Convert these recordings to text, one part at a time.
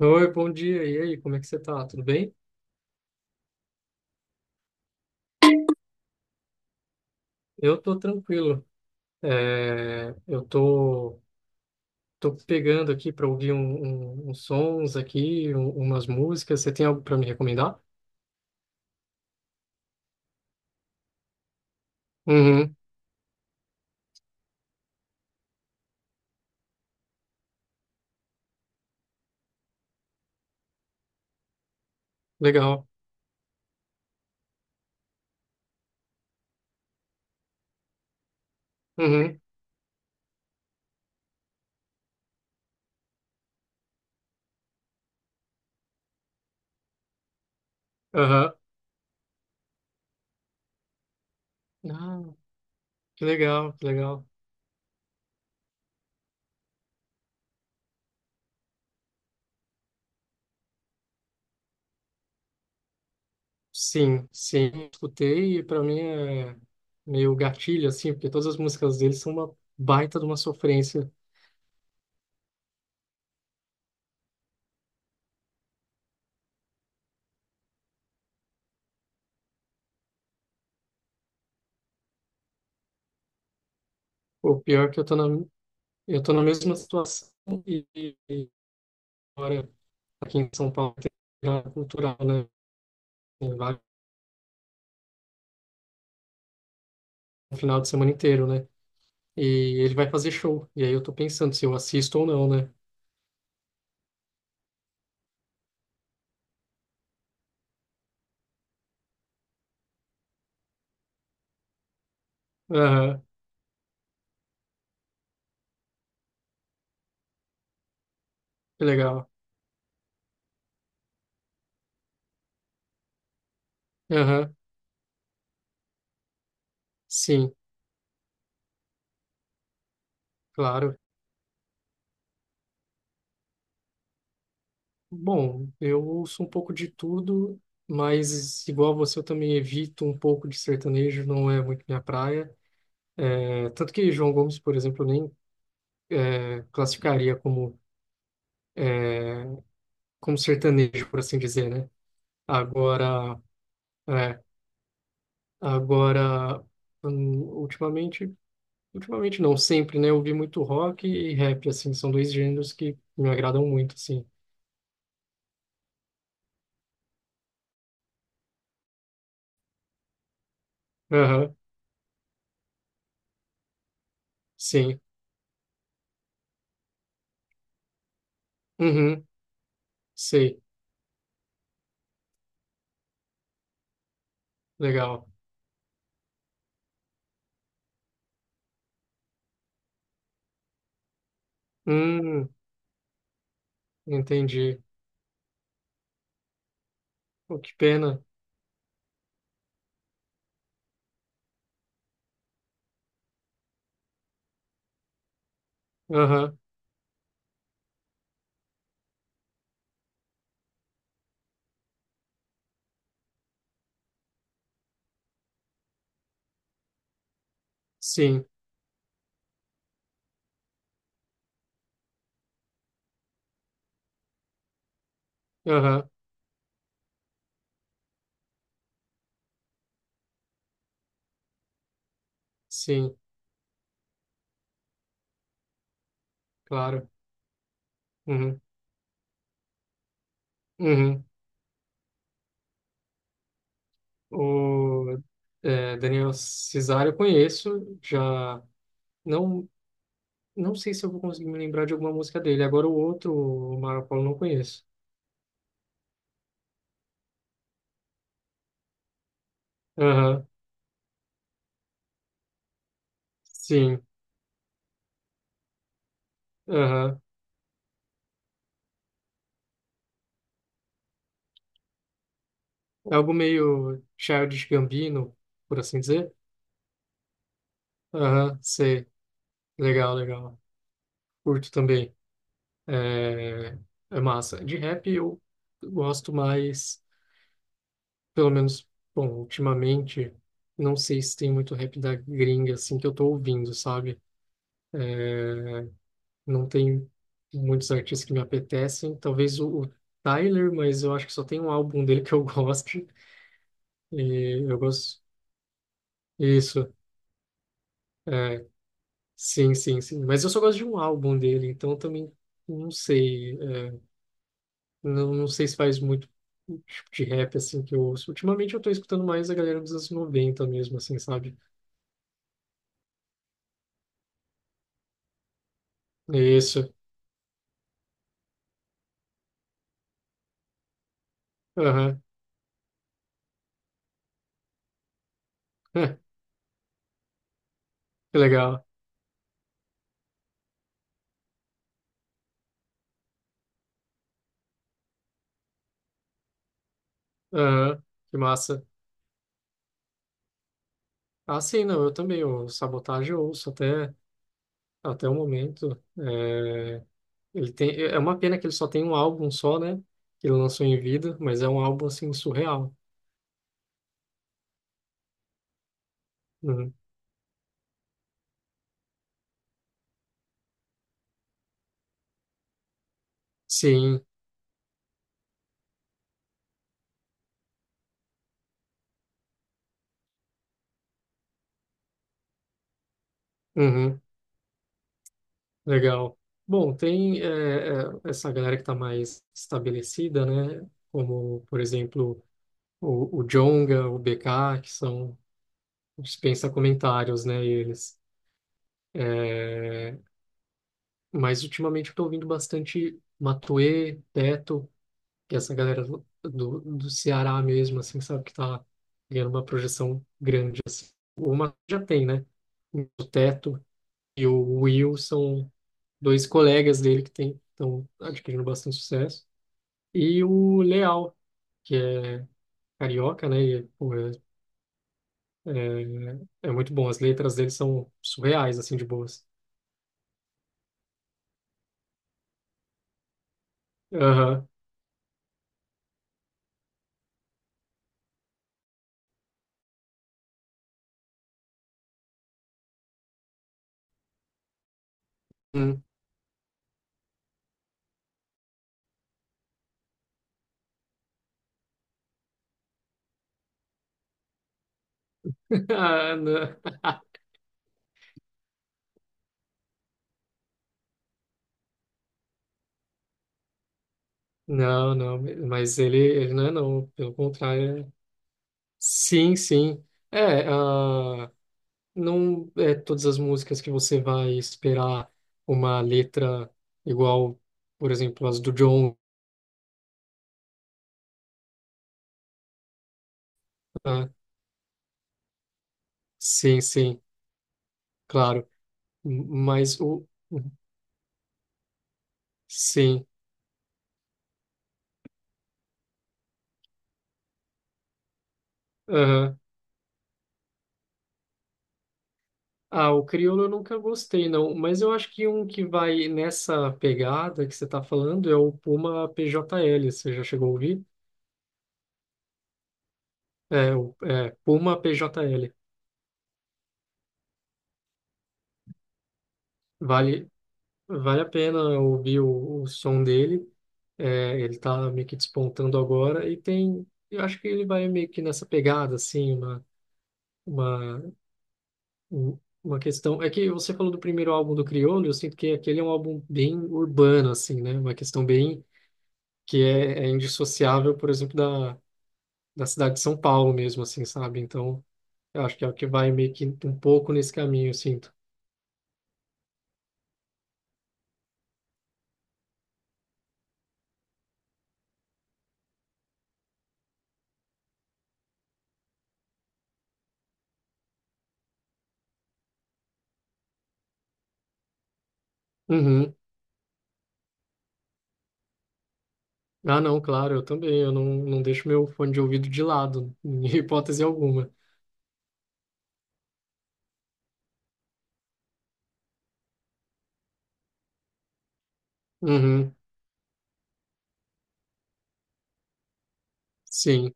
Oi, bom dia. E aí, como é que você tá? Tudo bem? Eu tô tranquilo. É, eu tô, tô pegando aqui para ouvir uns sons aqui, umas músicas. Você tem algo para me recomendar? Uhum, legal. Uhum, aham. Ah, que legal, que legal. Sim, sim. Escutei e para mim é meio gatilho, assim, porque todas as músicas deles são uma baita de uma sofrência. O pior é que eu tô na mesma situação e... e- agora aqui em São Paulo tem virada cultural, né? Tem vários no final de semana inteiro, né? E ele vai fazer show. E aí eu tô pensando se eu assisto ou não, né? Aham, que legal. Aham, sim, claro. Bom, eu ouço um pouco de tudo, mas igual você, eu também evito um pouco de sertanejo, não é muito minha praia. É, tanto que João Gomes, por exemplo, eu nem classificaria como, é, como sertanejo, por assim dizer, né? Agora. é, Agora, hum, ultimamente, ultimamente não, sempre, né? Eu ouvi muito rock e rap, assim, são dois gêneros que me agradam muito, assim. Aham, sim. Uhum, sei. Legal. Hum, entendi. Pô, que pena. Aham, sim. Aham, sim, claro. Uhum, uhum. O Daniel Cesari eu conheço, já não, não sei se eu vou conseguir me lembrar de alguma música dele. Agora o outro, o Marco Polo, não conheço. Aham. Sim, aham. É algo meio Childish Gambino, por assim dizer. Aham, sei. Legal, legal. Curto também. É, é massa. De rap eu gosto mais, pelo menos, bom, ultimamente, não sei se tem muito rap da gringa, assim, que eu tô ouvindo, sabe? É, não tem muitos artistas que me apetecem. Talvez o Tyler, mas eu acho que só tem um álbum dele que eu gosto. E eu gosto. Isso. é, Sim, sim, sim. Mas eu só gosto de um álbum dele, então também não sei. Não, não sei se faz muito o tipo de rap assim que eu ouço. Ultimamente eu tô escutando mais a galera dos anos noventa mesmo, assim, sabe? É isso. Aham. Que legal. Aham. Que massa. Ah, sim, não, eu também. O Sabotage eu ouço até, até o momento. É, ele tem, é uma pena que ele só tem um álbum só, né? Que ele lançou em vida, mas é um álbum assim surreal. Uhum. Sim. Uhum. Legal. Bom, tem essa galera que está mais estabelecida, né? Como, por exemplo, o Djonga, o BK, que são dispensa comentários, né? Eles. Eh, mas ultimamente eu estou ouvindo bastante Matuê, Teto, que é essa galera do Ceará mesmo, assim, sabe? Que está ganhando uma projeção grande. Assim. O Matuê já tem, né? O Teto e o Will são dois colegas dele que tem, estão adquirindo bastante sucesso. E o Leal, que é carioca, né? E, pô, é muito bom. As letras dele são surreais, assim, de boas. Aham. Hum. Ah, não. Não, não, mas ele não é não, pelo contrário. Sim, sim. É, ah, não é todas as músicas que você vai esperar uma letra igual, por exemplo, as do John, né? Sim, sim, claro. M- Mas o... Sim, ah, o crioulo eu nunca gostei, não. Mas eu acho que um que vai nessa pegada que você está falando é o Puma PJL. Você já chegou a ouvir? Puma PJL. Vale, vale a pena ouvir o som dele. É, ele está meio que despontando agora e tem... Eu acho que ele vai meio que nessa pegada, assim, uma, um- uma questão... É que você falou do primeiro álbum do Criolo, eu sinto que aquele é um álbum bem urbano, assim, né? Uma questão bem que é indissociável, por exemplo, da cidade de São Paulo mesmo, assim, sabe? Então, eu acho que é o que vai meio que um pouco nesse caminho, eu sinto. Uhum. Ah, não, claro, eu também. Eu não, Não deixo meu fone de ouvido de lado, em hipótese alguma. Uhum. Sim,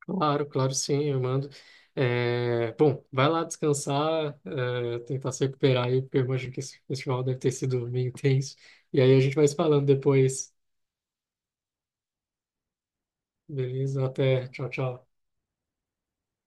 claro, claro, sim, eu mando. É, bom, vai lá descansar, é, tentar se recuperar aí, porque eu imagino que esse festival deve ter sido meio intenso. E aí a gente vai se falando depois, beleza? Até, tchau, tchau.